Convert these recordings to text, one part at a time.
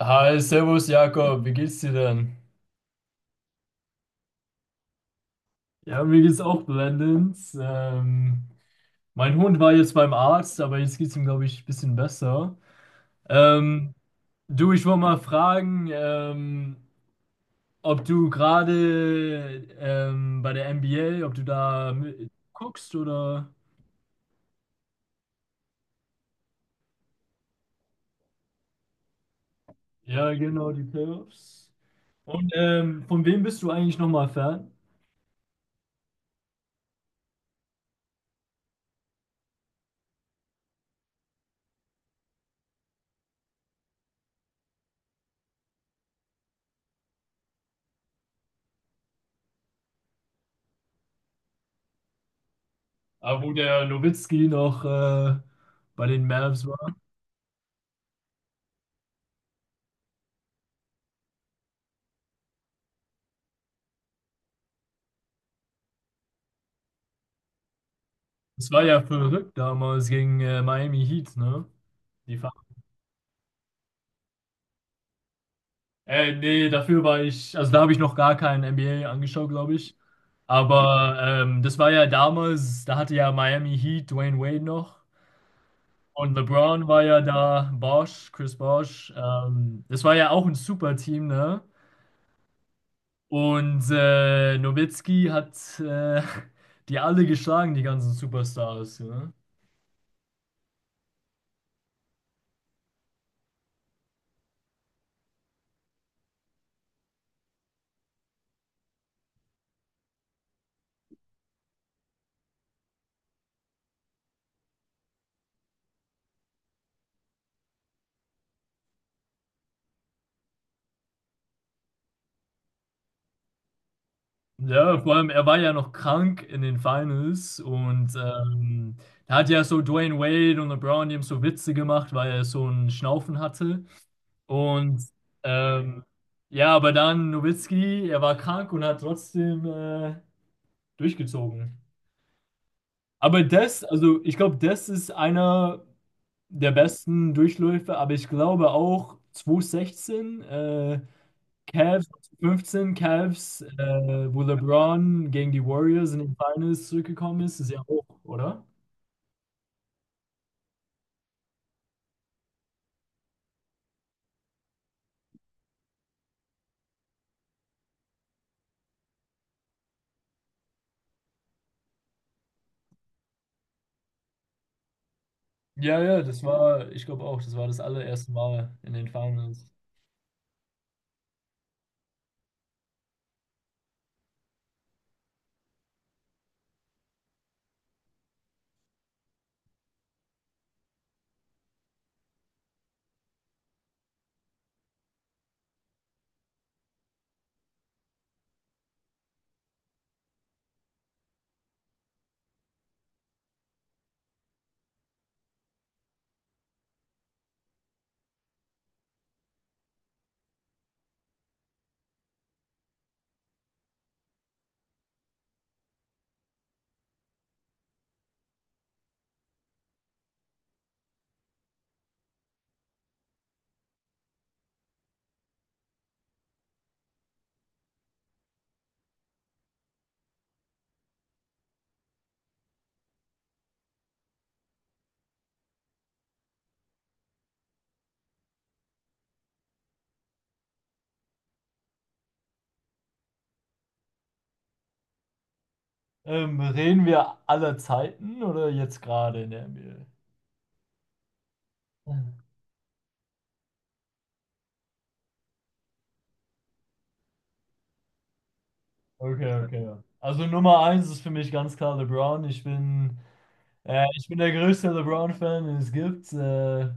Hi, Servus Jakob, wie geht's dir denn? Ja, mir geht's auch blendend. Mein Hund war jetzt beim Arzt, aber jetzt geht's ihm, glaube ich, ein bisschen besser. Ähm, Du, ich wollte mal fragen, ob du gerade bei der NBA, ob du da guckst oder... Ja, genau, die Playoffs. Und von wem bist du eigentlich nochmal Fan? Ah, wo der Nowitzki noch bei den Mavs war. Es war ja verrückt damals gegen Miami Heat, ne? Die Fa- Nee, dafür war ich, also da habe ich noch gar keinen NBA angeschaut, glaube ich. Aber das war ja damals, da hatte ja Miami Heat Dwayne Wade noch. Und LeBron war ja da, Bosch, Chris Bosch. Das war ja auch ein super Team, ne? Und Nowitzki hat die alle geschlagen, die ganzen Superstars, ja. Ja, vor allem, er war ja noch krank in den Finals und da hat ja so Dwayne Wade und LeBron, die haben so Witze gemacht, weil er so einen Schnaufen hatte. Und ähm, ja, aber dann Nowitzki, er war krank und hat trotzdem durchgezogen. Aber das, also ich glaube, das ist einer der besten Durchläufe, aber ich glaube auch 2016, Cavs 15 Cavs, wo LeBron gegen die Warriors in den Finals zurückgekommen ist, ist ja auch, oder? Ja, ja, das war, ich glaube auch, das war das allererste Mal in den Finals. Reden wir aller Zeiten oder jetzt gerade in der NBA? Okay, okay. Also Nummer eins ist für mich ganz klar LeBron. Ich bin der größte LeBron-Fan, den es gibt. Äh,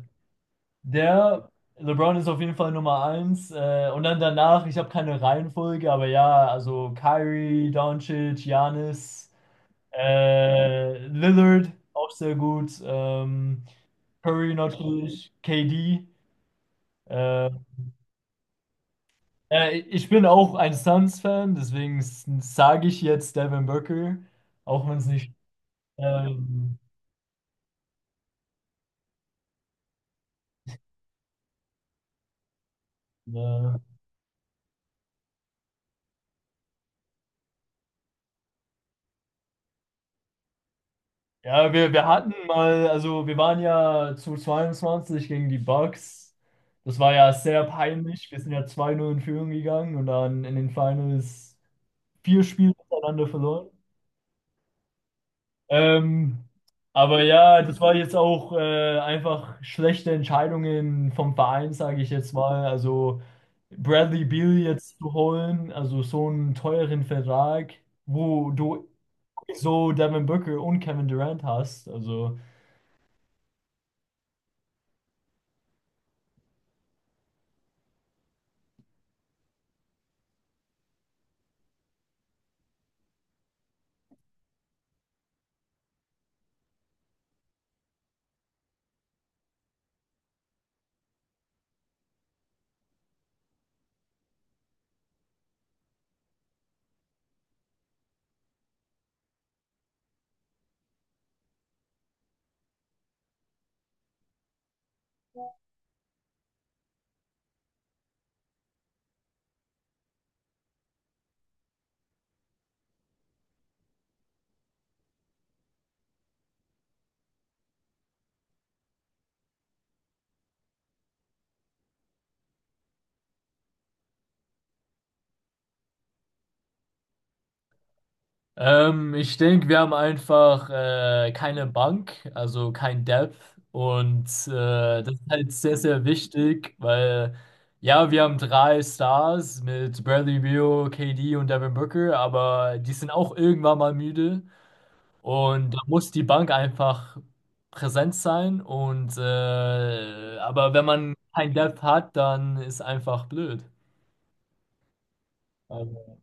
Der LeBron ist auf jeden Fall Nummer eins. Und dann danach, ich habe keine Reihenfolge, aber ja, also Kyrie, Doncic, Giannis, Lillard, auch sehr gut. Curry natürlich, KD. Äh, Ich bin auch ein Suns-Fan, deswegen sage ich jetzt Devin Booker, auch wenn es nicht ähm, äh, ja, wir hatten mal, also wir waren ja zu 22 gegen die Bucks. Das war ja sehr peinlich. Wir sind ja 2-0 in Führung gegangen und dann in den Finals 4 Spiele hintereinander verloren. Ähm, aber ja, das war jetzt auch einfach schlechte Entscheidungen vom Verein, sage ich jetzt mal. Also Bradley Beal jetzt zu holen, also so einen teuren Vertrag, wo du so Devin Booker und Kevin Durant hast. Also. Ich denke, wir haben einfach keine Bank, also kein Depth. Und das ist halt sehr, sehr wichtig, weil ja, wir haben 3 Stars mit Bradley Beal, KD und Devin Booker, aber die sind auch irgendwann mal müde. Und da muss die Bank einfach präsent sein. Und aber wenn man kein Depth hat, dann ist einfach blöd. Also,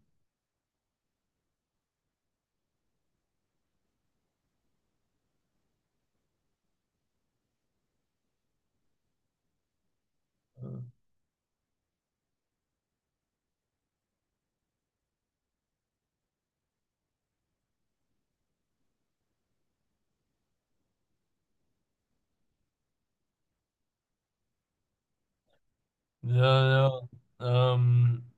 ja, ja.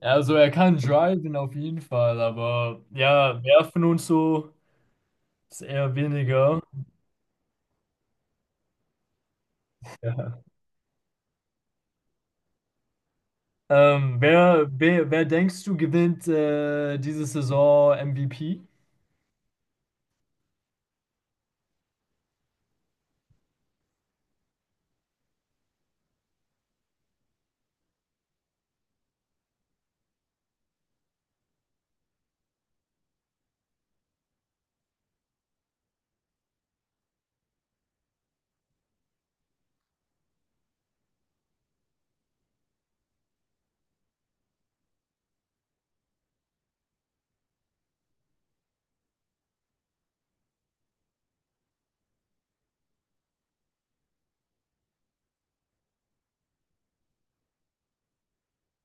ja, also er kann driven auf jeden Fall, aber ja, werfen und so ist eher weniger. Ja. Wer denkst du gewinnt diese Saison MVP?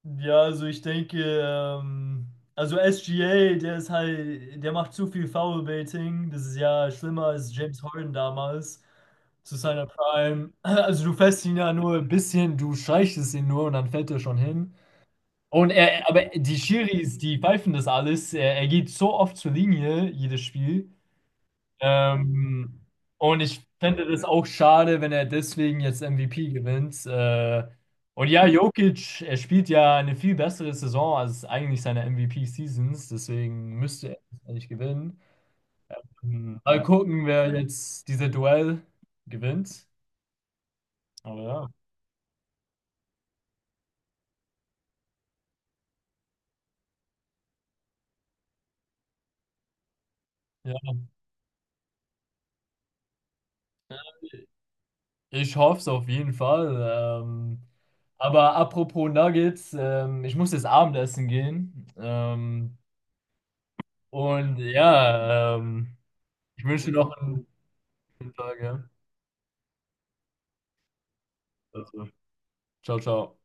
Ja, also ich denke, also SGA, der ist halt, der macht zu viel Foulbaiting. Das ist ja schlimmer als James Harden damals zu seiner Prime. Also du fährst ihn ja nur ein bisschen, du streichst es ihn nur und dann fällt er schon hin. Und aber die Schiris, die pfeifen das alles. Er geht so oft zur Linie, jedes Spiel. Ähm, und ich fände das auch schade, wenn er deswegen jetzt MVP gewinnt. Und ja, Jokic, er spielt ja eine viel bessere Saison als eigentlich seine MVP-Seasons, deswegen müsste er das eigentlich gewinnen. Mal gucken, wer jetzt dieses Duell gewinnt. Aber ja. Ich hoffe es auf jeden Fall. Aber apropos Nuggets, ich muss jetzt Abendessen gehen. Und ja, ähm, Ich wünsche dir noch einen schönen Tag. Ja. Also, ciao, ciao.